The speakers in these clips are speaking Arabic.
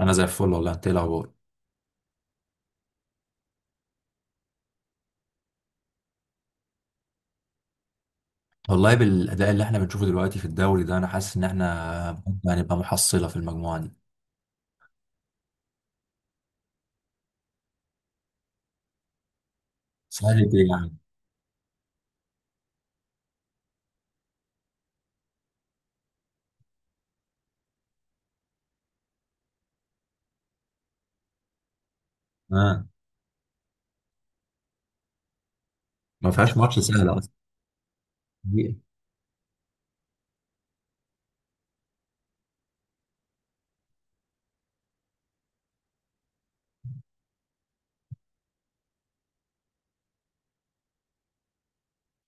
انا زي الفل والله، انت إيه الاخبار؟ والله بالاداء اللي احنا بنشوفه دلوقتي في الدوري ده انا حاسس ان احنا بجد هنبقى محصله في المجموعه دي. سهلة ايه يعني؟ اه. ما فيهاش ماتش سهل اصلا. دقيقة.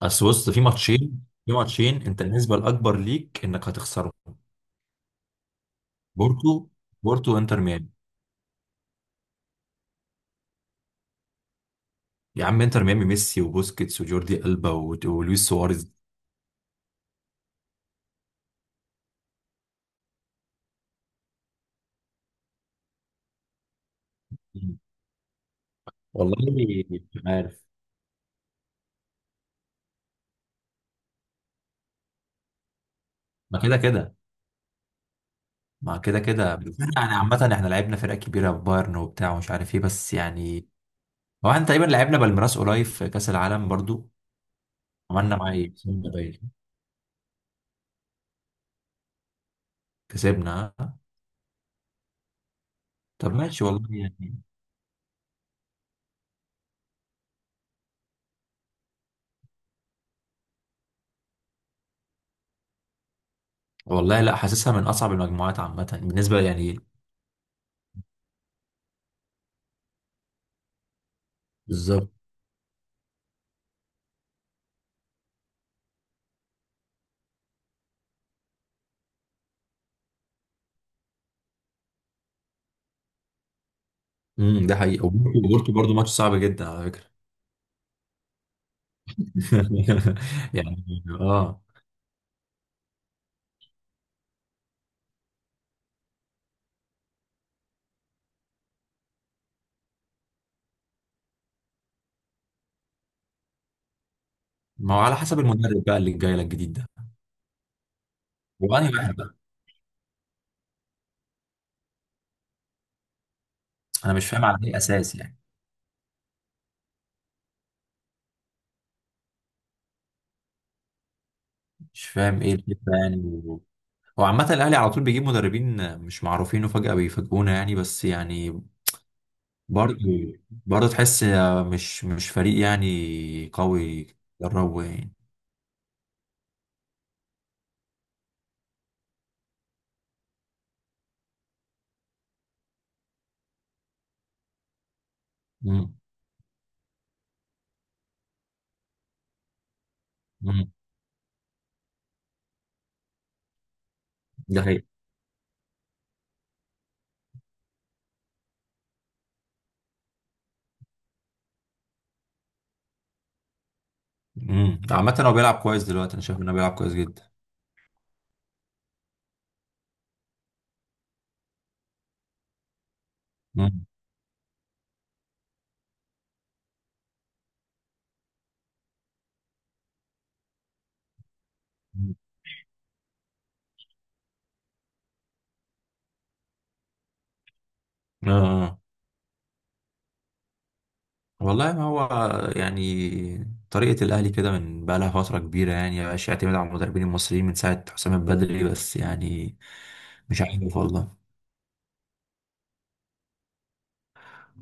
بس بص، في ماتشين في ماتشين انت النسبه الاكبر ليك انك هتخسره. بورتو. بورتو وانتر ميامي. يا عم، انتر ميامي، ميسي وبوسكيتس وجوردي البا ولويس سواريز. والله مش عارف. ما كده كده، بس احنا يعني عامة احنا لعبنا فرق كبيرة بايرن وبتاع ومش عارف ايه، بس يعني. هو احنا تقريبا لعبنا بالميراس قريب في كاس العالم برضو. عملنا معاه ايه، كسبنا باين. كسبنا آه. طب ماشي والله يعني. والله لا، حاسسها من اصعب المجموعات عامه بالنسبه يعني. بالظبط. ده حقيقي. وبورتو، برضو ماتش صعب جدا على فكره. يعني اه. ما هو على حسب المدرب بقى اللي جاي لك جديد ده. وانهي واحد بقى؟ انا مش فاهم على اي اساس يعني. مش فاهم ايه الفكره يعني. هو عامة الأهلي على طول بيجيب مدربين مش معروفين وفجأة بيفاجئونا يعني، بس يعني. برضه برضه تحس. مش فريق يعني قوي. دربه يعني. مم. مم. ده حقيقي. مم. عامة هو بيلعب كويس دلوقتي، أنا شايف إنه بيلعب كويس جدا. مم. مم. آه. آه. والله ما هو يعني. طريقة الأهلي كده من بقى لها فترة كبيرة يعني، مبقاش يعتمد على المدربين المصريين من ساعة حسام البدري، بس يعني. مش عارف والله.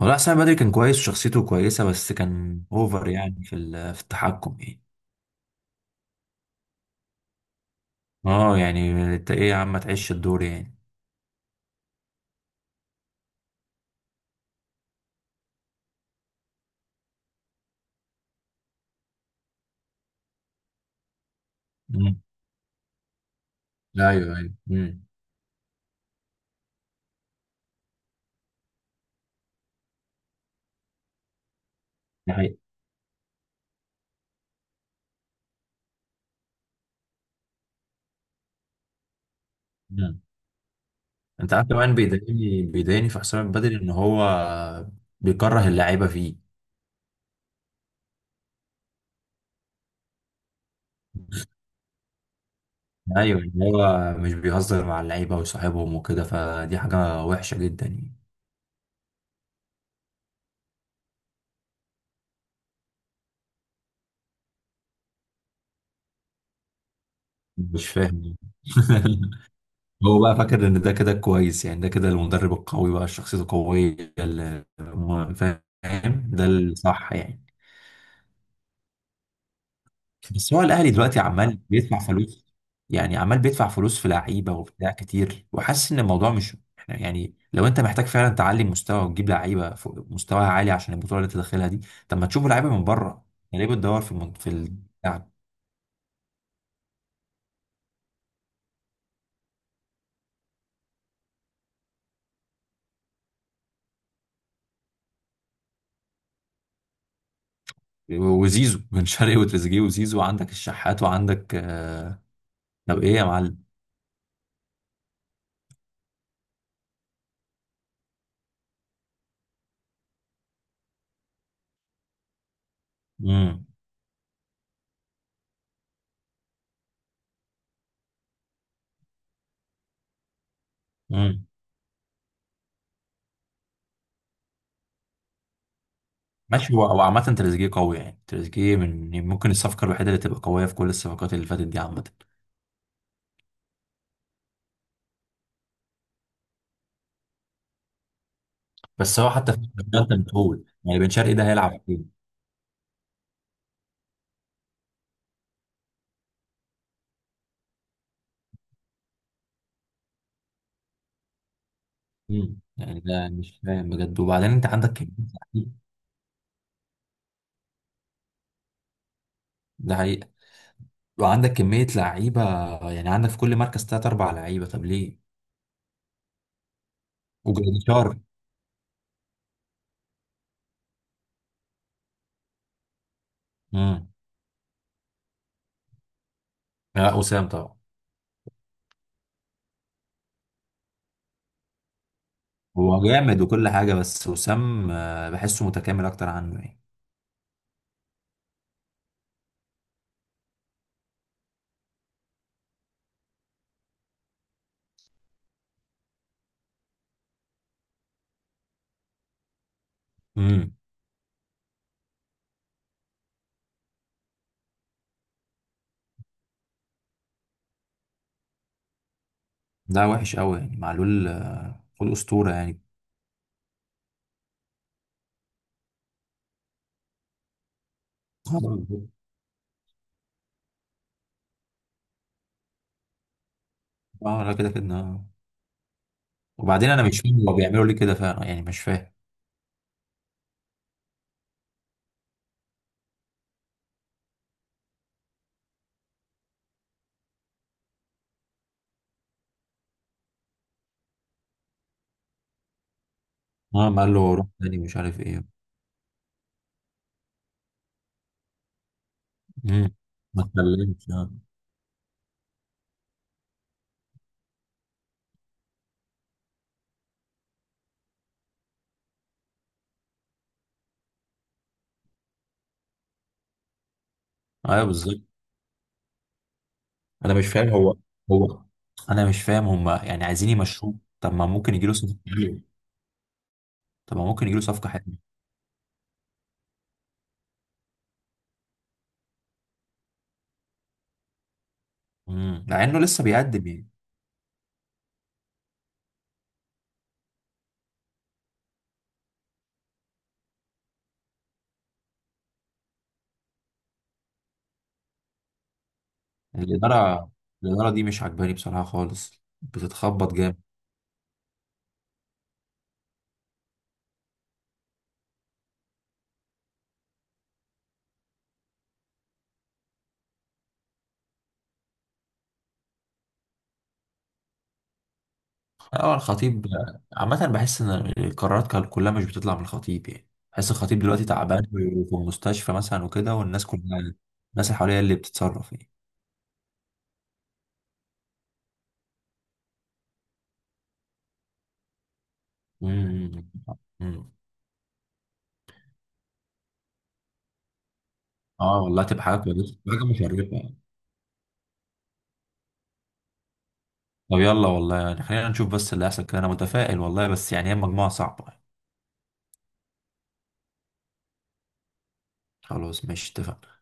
والله حسام البدري كان كويس وشخصيته كويسة، بس كان أوفر يعني في التحكم يعني. اه يعني انت ايه يا عم؟ ما تعيش الدور يعني. مم. ايوه، ايوه، امم. دي حقيقة. مم. انت عارف كمان، بيضايقني في حسام البدري ان هو بيكره اللعيبه فيه. ايوه، ان هو مش بيهزر مع اللعيبه وصاحبهم وكده، فدي حاجه وحشه جدا يعني. مش فاهم. هو بقى فاكر ان ده كده كويس يعني، ده كده المدرب القوي بقى شخصيته قويه، فاهم ده الصح يعني. بس هو الاهلي دلوقتي عمال بيدفع فلوس. يعني عمال بيدفع فلوس في لعيبه وبتاع كتير، وحاسس ان الموضوع مش احنا، يعني لو انت محتاج فعلا تعلي مستوى وتجيب لعيبه مستواها عالي عشان البطوله اللي انت داخلها دي. طب ما تشوفوا لعيبه من بره. يعني ليه بتدور في اللاعب؟ وزيزو. بن شرقي وتريزيجيه وزيزو، عندك الشحات. وعندك. طب ايه يا معلم؟ امم. امم. ماشي، هو عامه تريزيجيه قوي يعني. تريزيجيه من يعني ممكن الصفقه الوحيده اللي تبقى قويه في كل الصفقات اللي فاتت دي عامه. بس هو حتى في الشغل انت مجهول، يعني بن شرقي ده هيلعب فين؟ مم. يعني ده مش فاهم بجد، وبعدين انت عندك كمية لعيبة. ده حقيقة. وعندك كمية لعيبة، يعني عندك في كل مركز تلات أربع لعيبة، طب ليه؟ وجراديشار. امم. لا، وسام طبعا. هو جامد وكل حاجة، بس وسام بحسه متكامل أكتر عنه يعني. امم. ده وحش قوي يعني، معلول أسطورة يعني. اه آه، لا كده كده آه. وبعدين أنا مش فاهم، هو بيعملوا ليه كده فعلا يعني؟ مش فاهم. اه، قال له روح تاني مش عارف ايه. مم. ما اتكلمش، اه. ايوه بالظبط. انا مش فاهم هو هو انا مش فاهم هم يعني عايزين يمشوه. طب ما ممكن يجي له صفقه حلوه. طب ما ممكن يجي له صفقه حلوه. مع انه لسه بيقدم يعني. الاداره، دي مش عجباني بصراحه خالص، بتتخبط جامد. اه الخطيب. عامه بحس ان القرارات كلها مش بتطلع من الخطيب، يعني بحس الخطيب دلوقتي تعبان وفي المستشفى مثلا وكده، والناس كلها، الناس اللي حواليه اللي بتتصرف يعني. امم. اه والله تبقى حاجه كويسه، حاجه مشرفه. طب يلا والله يعني، خلينا نشوف بس اللي هيحصل كده. انا متفائل والله، بس يعني هي مجموعه صعبه يعني. خلاص ماشي، اتفقنا.